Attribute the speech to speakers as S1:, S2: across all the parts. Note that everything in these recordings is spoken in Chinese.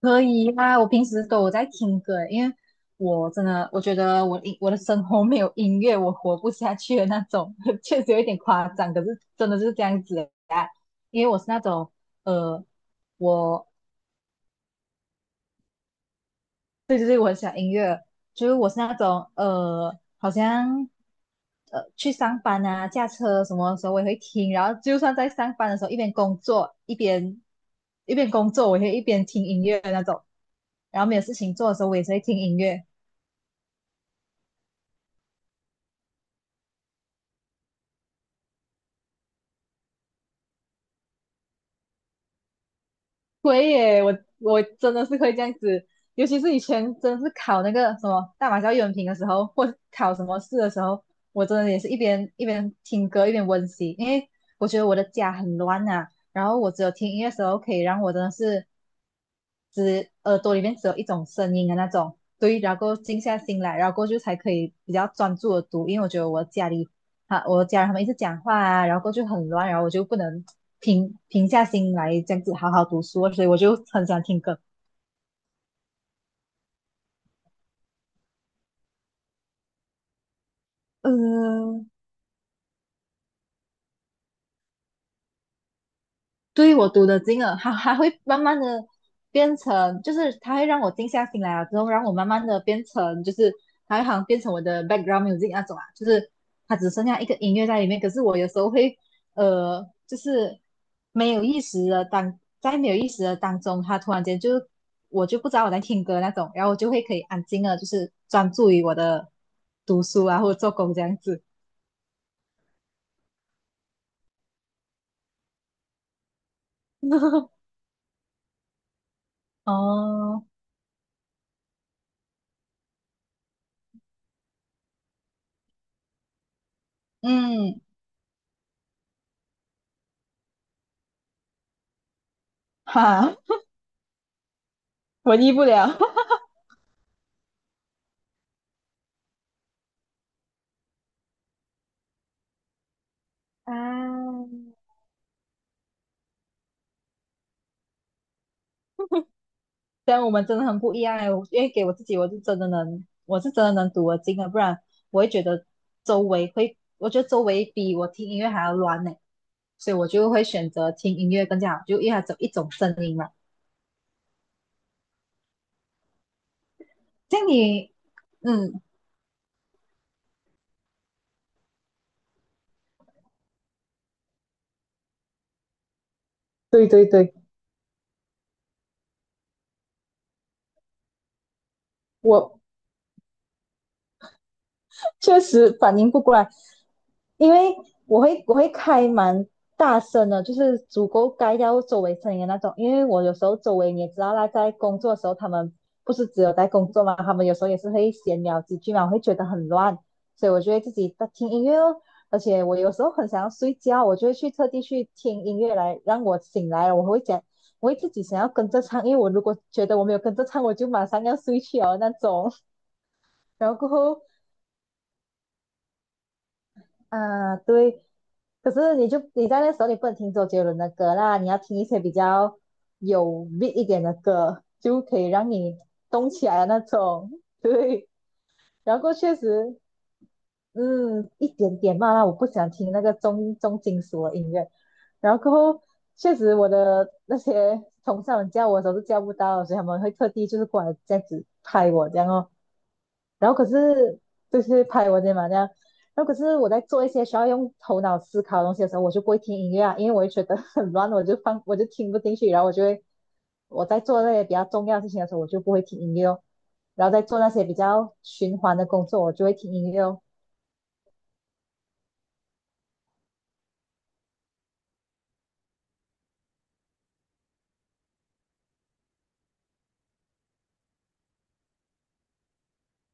S1: 可以啊，我平时都有在听歌，因为我真的我觉得我音我的生活没有音乐我活不下去的那种，确实有一点夸张，可是真的就是这样子啊。因为我是那种呃，我对对对，我很喜欢音乐，就是我是那种好像去上班啊、驾车什么的时候我也会听，然后就算在上班的时候一边工作，我也会一边听音乐的那种。然后没有事情做的时候，我也是会听音乐。会耶，我真的是会这样子，尤其是以前真的是考那个什么大马教育文凭的时候，或是考什么试的时候，我真的也是一边听歌一边温习，因为我觉得我的家很乱呐，然后我只有听音乐的时候可以让我真的是耳朵里面只有一种声音的那种，对，然后过后静下心来，然后过后就才可以比较专注的读，因为我觉得我家里啊，我家人他们一直讲话啊，然后过后就很乱，然后我就不能。平下心来这样子好好读书啊，所以我就很喜欢听歌。嗯，对，我读的进了，它还会慢慢的变成，就是它会让我静下心来了之后，让我慢慢的变成，就是它会好像变成我的 background music 那种啊，就是它只剩下一个音乐在里面。可是我有时候会，就是没有意识的当在没有意识的当中，它突然间就我就不知道我在听歌那种，然后我就会可以安静的，就是专注于我的读书啊或者做工这样子。哦，嗯，哈，文艺不了。啊，虽然我们真的很不一样哎，我因为给我自己，我是真的能读得进的，不然我会觉得周围会，我觉得周围比我听音乐还要乱呢，所以我就会选择听音乐更加好，就因为它只有一种声音嘛。像你，嗯，对对对，我确实反应不过来，因为我会开蛮大声的，就是足够盖掉周围声音的那种。因为我有时候周围你也知道啦，在工作的时候，他们不是只有在工作嘛，他们有时候也是会闲聊几句嘛，我会觉得很乱，所以我就会自己在听音乐哦。而且我有时候很想要睡觉，我就会去特地去听音乐来让我醒来了。我会讲，我会自己想要跟着唱，因为我如果觉得我没有跟着唱，我就马上要睡去哦那种。然后过后啊，对，可是你在那时候你不能听周杰伦的歌啦，你要听一些比较有 beat 一点的歌，就可以让你动起来的那种。对，然后确实，嗯，一点点嘛啦，我不想听那个重金属的音乐。然后过后，确实我的那些同事们叫我的时候是叫不到的，所以他们会特地就是过来这样子拍我这样哦。然后可是就是拍文件嘛这样，然后可是我在做一些需要用头脑思考的东西的时候，我就不会听音乐啊，因为我会觉得很乱，我就听不进去，然后我就会我在做那些比较重要的事情的时候，我就不会听音乐哦，然后在做那些比较循环的工作，我就会听音乐哦。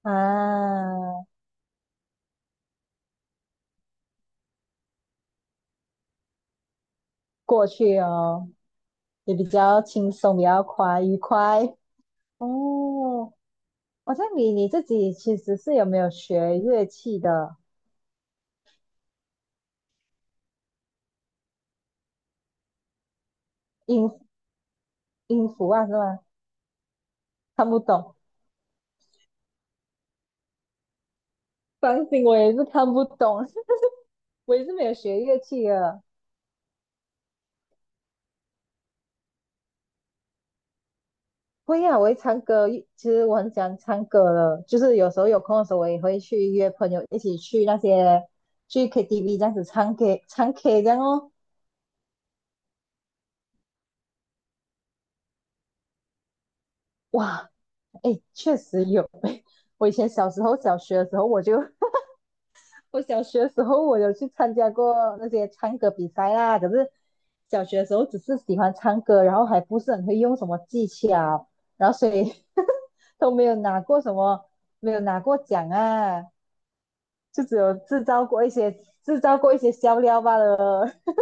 S1: 啊，过去哦，也比较轻松，比较快愉快哦。好像你你自己其实是有没有学乐器的音音符啊，是吗？看不懂。钢琴我也是看不懂，我也是没有学乐器的。会啊，我会唱歌，其实我很喜欢唱歌的，就是有时候有空的时候，我也会去约朋友一起去那些去 KTV 这样子唱 K 这样哦。哇，哎，确实有。我以前小时候小学的时候，我小学的时候我有去参加过那些唱歌比赛啦，可是小学的时候只是喜欢唱歌，然后还不是很会用什么技巧，然后所以 都没有拿过什么，没有拿过奖啊，就只有制造过一些制造过一些笑料罢了。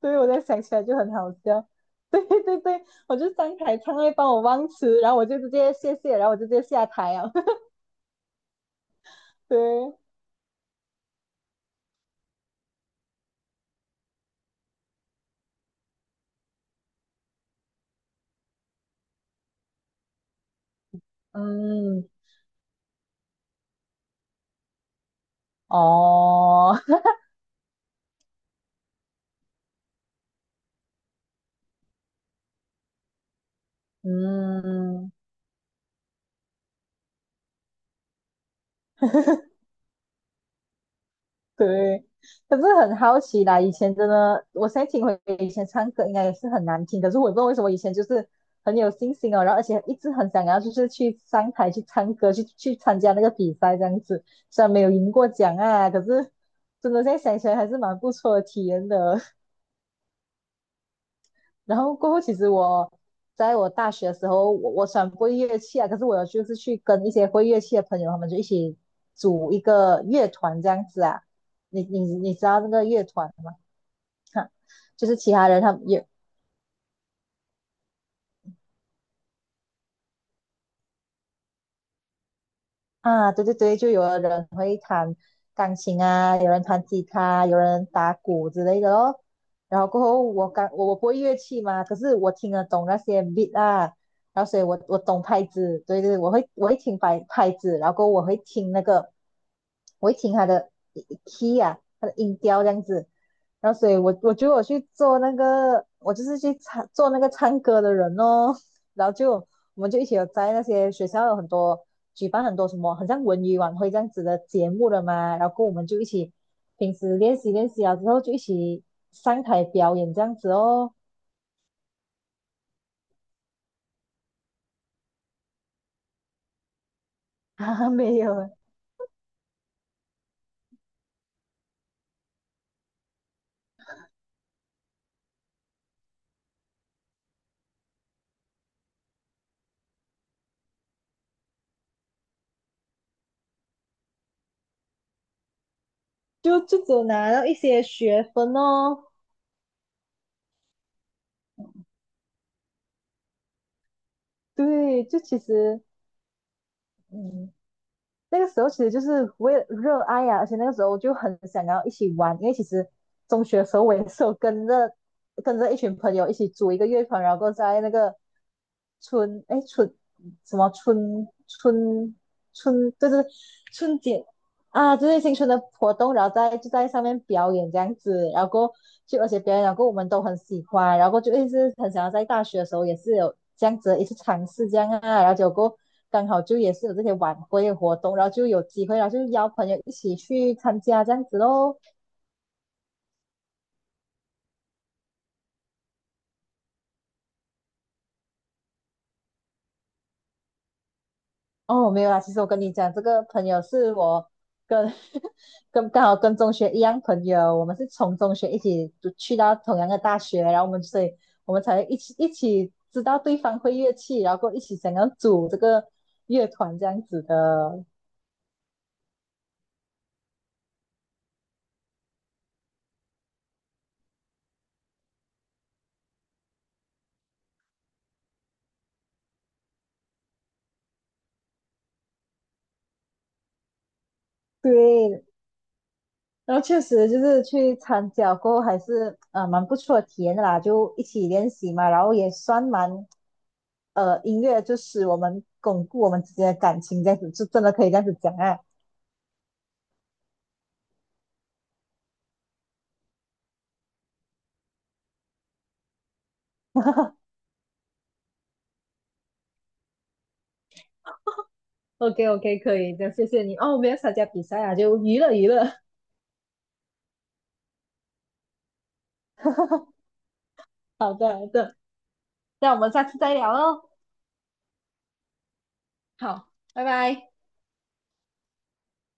S1: 所以我在想起来就很好笑。对对对，我就上台唱会帮我忘词，然后我就直接谢谢，然后我就直接下台啊。对，嗯，哦，嗯。对，可是很好奇啦，以前真的，我现在听回以前唱歌应该也是很难听，可是我也不知道为什么以前就是很有信心哦，然后而且一直很想要就是去上台去唱歌，去参加那个比赛这样子，虽然没有赢过奖啊，可是真的现在想起来还是蛮不错的体验的。然后过后其实我在我大学的时候，我虽然不会乐器啊，可是我有就是去跟一些会乐器的朋友，他们就一起组一个乐团这样子啊，你你知道那个乐团吗？哈，就是其他人他们也啊，对对对，就有的人会弹钢琴啊，有人弹吉他，有人打鼓之类的咯。然后过后我刚我我不会乐器嘛，可是我听得懂那些 beat 啊，然后所以我我懂拍子，对对，我会听拍子，然后过后我会听那个，我会听他的 key 啊，他的音调这样子。然后所以我我觉得我去做那个，我就是去唱做那个唱歌的人哦。然后就我们就一起有在那些学校有很多举办很多什么，很像文娱晚会这样子的节目了嘛，然后我们就一起平时练习啊，之后就一起上台表演这样子哦。啊，没有，就只有拿到一些学分哦。对，就其实，嗯，那个时候其实就是为了热爱呀，而且那个时候就很想要一起玩，因为其实中学的时候我也是有跟着一群朋友一起组一个乐团，然后在那个春哎春什么春春春对对春节啊，就是新春的活动，然后就在上面表演这样子，然后过就而且表演，然后过我们都很喜欢，然后过就一直很想要在大学的时候也是有这样子的一次尝试这样啊，然后结果过刚好就也是有这些晚会的活动，然后就有机会，然后就邀朋友一起去参加这样子喽。哦，没有啦。其实我跟你讲，这个朋友是跟 跟跟中学一样朋友，我们是从中学一起读去到同样的大学，然后我们所以我们才一起知道对方会乐器，然后过后一起想要组这个乐团这样子的。对，然后确实就是去参加过后还是呃蛮不错的体验的啦，就一起练习嘛，然后也算蛮呃音乐就使我们巩固我们之间的感情，这样子就真的可以这样子讲啊。OK OK，可以的，谢谢你哦。我没有参加比赛啊，就娱乐娱乐。好的好的，那我们下次再聊喽。好，拜拜。